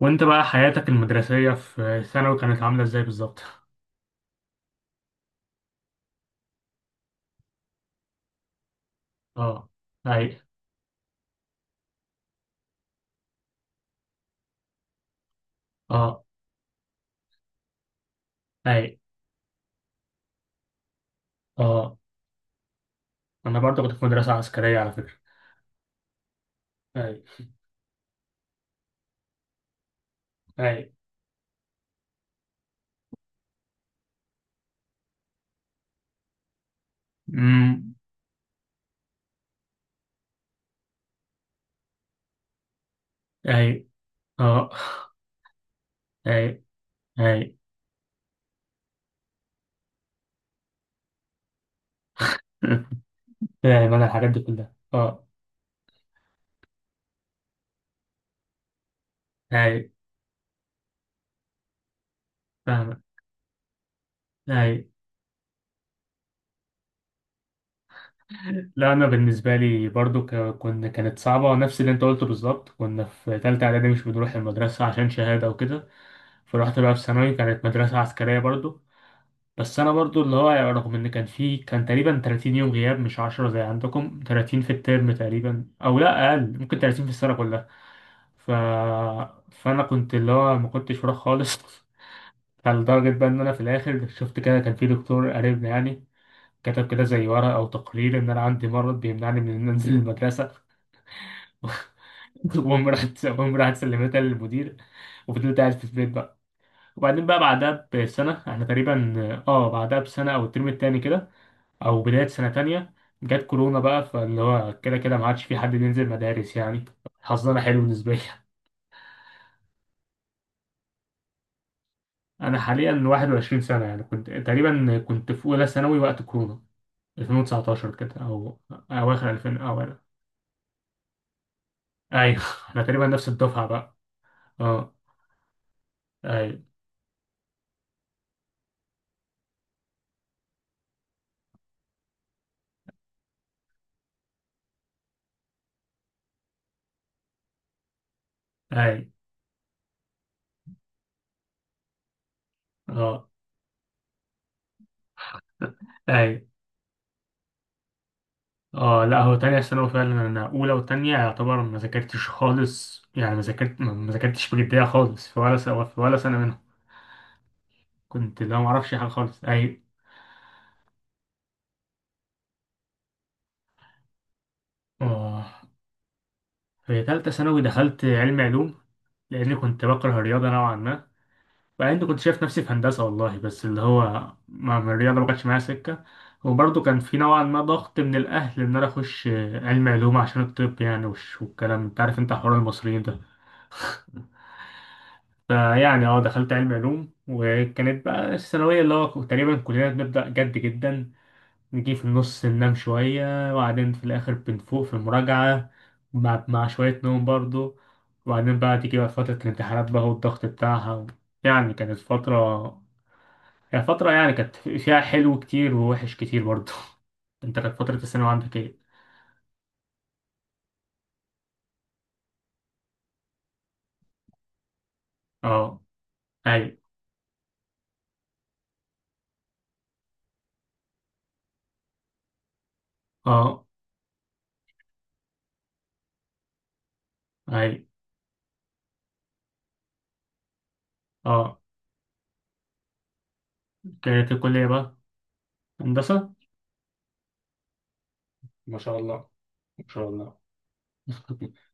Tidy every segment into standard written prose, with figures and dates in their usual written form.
وانت بقى حياتك المدرسية في ثانوي كانت عاملة ازاي بالظبط؟ اه، اي، اه، اي، اه، انا برضه كنت في مدرسة عسكرية على فكرة. اي، اي، امم، اي، اه، اي، اي. فاهم، انا الحاجات دي كلها. اه، اي، فاهم، اي. لا، انا بالنسبة لي برضه ك- كنا كانت صعبة، نفس اللي انت قلته بالظبط. كنا في تالتة اعدادي مش بنروح المدرسة عشان شهادة وكده. فرحت بقى في ثانوي كانت مدرسة عسكرية برضه. بس انا برضو اللي هو يعني، رغم ان كان تقريبا 30 يوم غياب، مش 10 زي عندكم، 30 في الترم تقريبا، او لا اقل ممكن 30 في السنه كلها. ف... فانا كنت اللي هو ما كنتش فراغ خالص. لدرجه بقى ان انا في الاخر شفت كده، كان في دكتور قريبنا يعني، كتب كده زي ورقه او تقرير ان انا عندي مرض بيمنعني من ان انزل المدرسه. وأقوم راحت سلمتها للمدير، وفضلت قاعد في البيت بقى. وبعدين بقى بعدها بسنة احنا تقريبا، اه، بعدها بسنة أو الترم التاني كده، او بدايه سنه تانية، جت كورونا بقى، فاللي هو كده كده ما عادش في حد بينزل مدارس يعني. حظنا حلو بالنسبه لي. انا حاليا 21 سنه يعني، كنت تقريبا كنت في اولى ثانوي وقت كورونا، 2019 كده، او اواخر 2000 او أنا. ايوه. احنا تقريبا نفس الدفعه بقى. اه، ايوه، ايوه، اه، ايوه، اه. لا هو تانية ثانوي، فعلا انا اولى وتانية يعتبر ما ذاكرتش خالص يعني، ما ذاكرت ما ذاكرتش بجدية خالص في ولا سنة، في ولا سنة منهم. كنت لا، ما اعرفش حاجة خالص. ايوه، اه. في تالتة ثانوي دخلت علم علوم، لأني كنت بكره الرياضة نوعا ما. وبعدين كنت شايف نفسي في هندسة والله، بس اللي هو مع الرياضة ما كانتش معايا سكة. وبرضه كان في نوعا ما ضغط من الأهل إن أنا أخش علم علوم عشان الطب يعني، والكلام أنت عارف، أنت حوار المصريين ده. فيعني، اه، دخلت علم علوم. وكانت بقى الثانوية اللي هو تقريبا كلنا بنبدأ جد جدا، نجي في النص ننام شوية، وبعدين في الآخر بنفوق في المراجعة مع شوية نوم برضو. وبعدين بقى تيجي بقى فترة الامتحانات بقى والضغط بتاعها يعني كانت فترة، هي فترة يعني كانت فيها حلو كتير ووحش كتير برضو. انت كانت فترة الثانوي عندك ايه؟ اه، اي، اه، اي، اه، كانت الكلية بقى هندسة. ما شاء الله، ما شاء الله.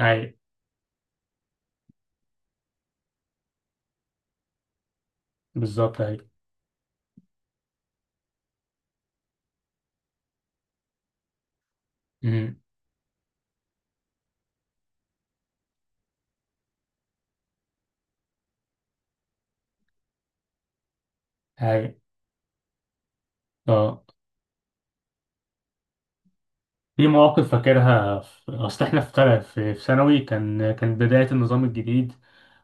اي، بالظبط، اي، امم، اي، اه. في مواقف فاكرها، اصل احنا في تل- في في ثانوي كان، كان بداية النظام الجديد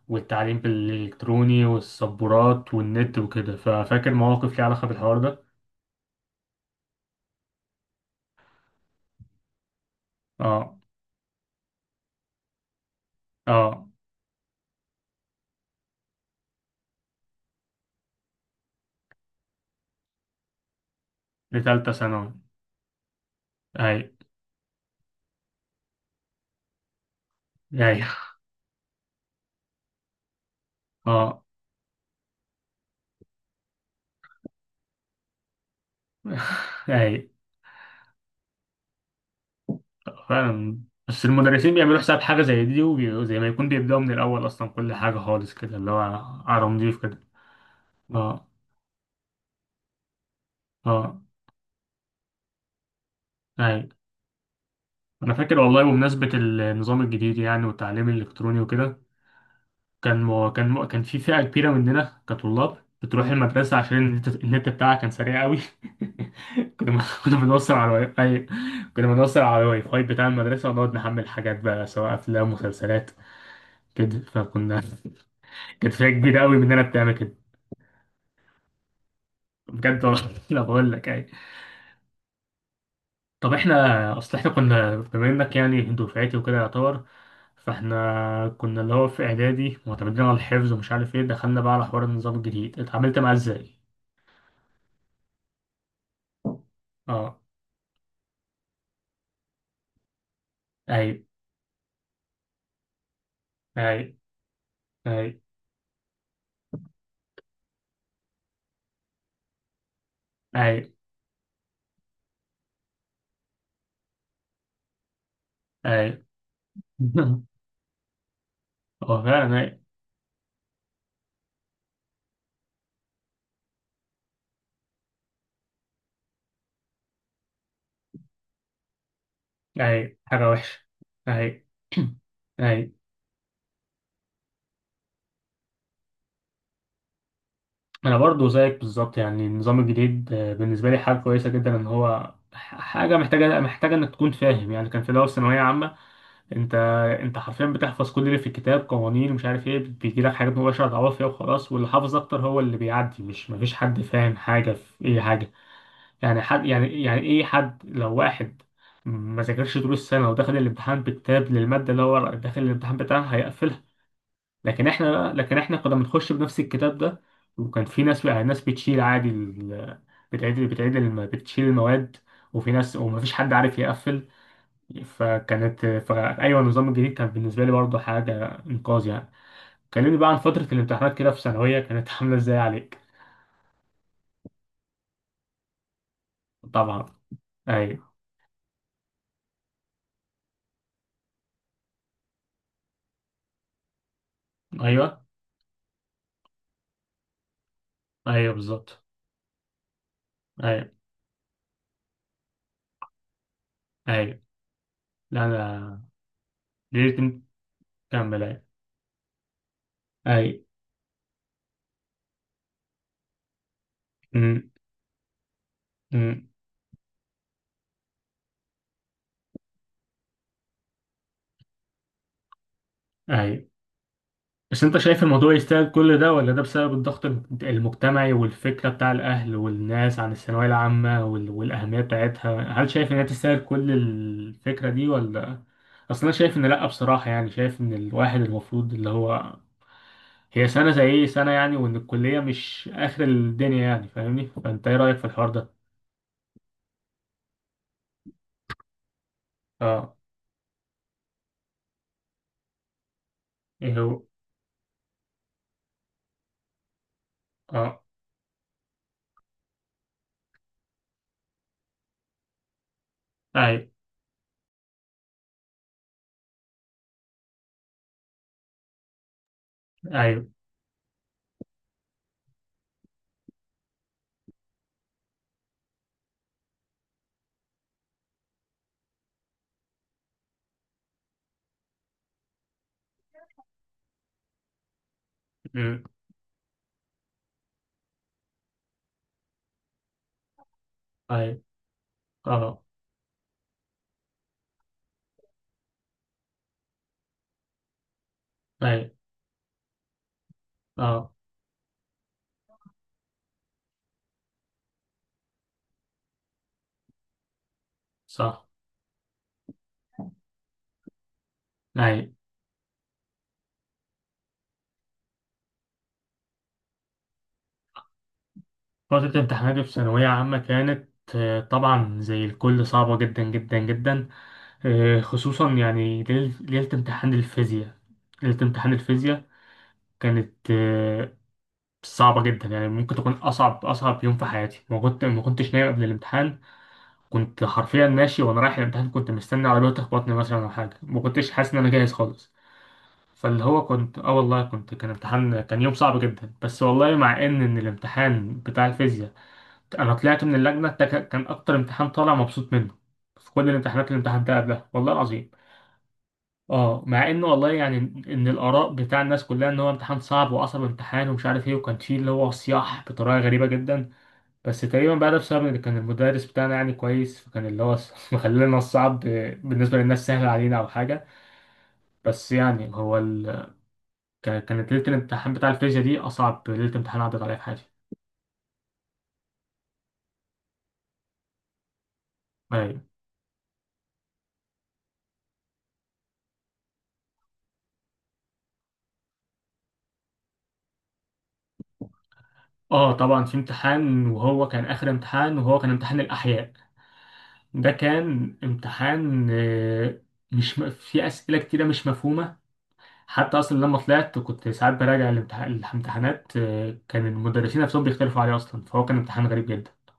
والتعليم الالكتروني والسبورات والنت وكده، ففاكر مواقف ليها علاقة بالحوار ده. اه، اه، لتالتة ثانوي. اي، اي، اه. اي فعلا. بس المدرسين بيعملوا حساب حاجة زي دي، وزي ما يكون بيبدأوا من الأول أصلا كل حاجة خالص كده اللي هو على نضيف كده. اه، اه، اي. انا فاكر والله، بمناسبة النظام الجديد يعني والتعليم الالكتروني وكده، كان في فئة كبيرة مننا كطلاب بتروح المدرسة عشان النت، بتاعها كان سريع قوي. كنا بنوصل على واي فاي. كنا بنوصل على الواي فاي بتاع المدرسة ونقعد نحمل حاجات بقى، سواء أفلام، مسلسلات كده. فكنا، كانت فئة كبيرة قوي مننا بتعمل كده. بجد والله، لا بقول لك يعني. طب احنا، اصل احنا كنا بما انك يعني دفعتي وكده يعتبر، فاحنا كنا اللي هو في اعدادي معتمدين على الحفظ ومش عارف ايه، دخلنا بقى على حوار النظام الجديد، اتعاملت معاه ازاي؟ اه، ايوه، اي، اي، اي، اي. هو فعلا، اي، اي حاجة وحشة، اي، اي. انا برضو زيك بالظبط يعني، النظام الجديد آه، بالنسبة لي حاجة كويسة جدا ان هو حاجة محتاجة، محتاجة انك تكون فاهم يعني. كان في الاول ثانوية عامة، انت، انت حرفيا بتحفظ كل اللي في الكتاب، قوانين ومش عارف ايه، بيجي لك حاجات مباشرة تعوض فيها وخلاص، واللي حافظ اكتر هو اللي بيعدي. مش مفيش حد فاهم حاجة في اي حاجة يعني. حد يعني، يعني ايه حد، لو واحد ما ذاكرش طول السنة ودخل الامتحان بكتاب للمادة اللي هو داخل الامتحان بتاعها هيقفلها. لكن احنا لا، لكن احنا كنا بنخش بنفس الكتاب ده. وكان في ناس يعني، ناس بتشيل عادي بتعيد بتشيل المواد، وفي ناس، ومفيش حد عارف يقفل. فكانت، فأيوة النظام الجديد كان بالنسبة لي برضه حاجة إنقاذ يعني. كلمني بقى عن فترة الامتحانات كده في ثانوية، كانت عاملة ازاي عليك؟ طبعا، أيوه، أيوه، أيوه، بالظبط، أيوه، أيوه، لا لا، ليه، تكمل، أي، أي، أمم، أمم، أي. بس أنت شايف الموضوع يستاهل كل ده، ولا ده بسبب الضغط المجتمعي والفكرة بتاع الأهل والناس عن الثانوية العامة والأهمية بتاعتها؟ هل شايف إن هي تستاهل كل الفكرة دي ولا؟ أصل أنا شايف إن لأ بصراحة يعني، شايف إن الواحد المفروض اللي هو، هي سنة زي أي سنة يعني، وإن الكلية مش آخر الدنيا يعني، فاهمني؟ فأنت إيه رأيك في الحوار ده؟ أه، إيه هو؟ أه، أي، أي، أمم، أي، أه، أي، أه، صح، أي. فترة امتحاناتي في ثانوية عامة كانت آه، طبعا زي الكل صعبة جدا جدا جدا. آه، خصوصا يعني، ليلة امتحان الفيزياء، ليلة امتحان الفيزياء كانت آه، صعبة جدا يعني، ممكن تكون أصعب، أصعب يوم في حياتي. ما كنتش نايم قبل الامتحان. كنت حرفيا ماشي وأنا رايح الامتحان كنت مستني عربية تخبطني مثلا أو حاجة، ما كنتش حاسس إن أنا جاهز خالص. فاللي هو كنت اه والله، كنت كان يوم صعب جدا. بس والله، مع ان الامتحان بتاع الفيزياء انا طلعت من اللجنه، ده كان، كان اكتر امتحان طالع مبسوط منه في كل الامتحانات، الامتحان ده قبلها والله العظيم. اه، مع ان والله يعني، ان الاراء بتاع الناس كلها ان هو امتحان صعب، واصعب امتحان ومش عارف ايه، وكان فيه اللي هو صياح بطريقه غريبه جدا. بس تقريبا بقى ده بسبب ان كان المدرس بتاعنا يعني كويس، فكان اللي هو مخلينا الصعب بالنسبه للناس سهل علينا او حاجه. بس يعني كانت ليلة الامتحان بتاع الفيزياء دي أصعب ليلة امتحان عدت عليا في حياتي. أيوة، آه طبعا، في امتحان، وهو كان آخر امتحان، وهو كان امتحان الأحياء. ده كان امتحان آه، مش م... في أسئلة كتيرة مش مفهومة. حتى أصلا لما طلعت كنت ساعات براجع الامتحانات آه، كان المدرسين نفسهم بيختلفوا عليه أصلا، فهو كان امتحان غريب جدا.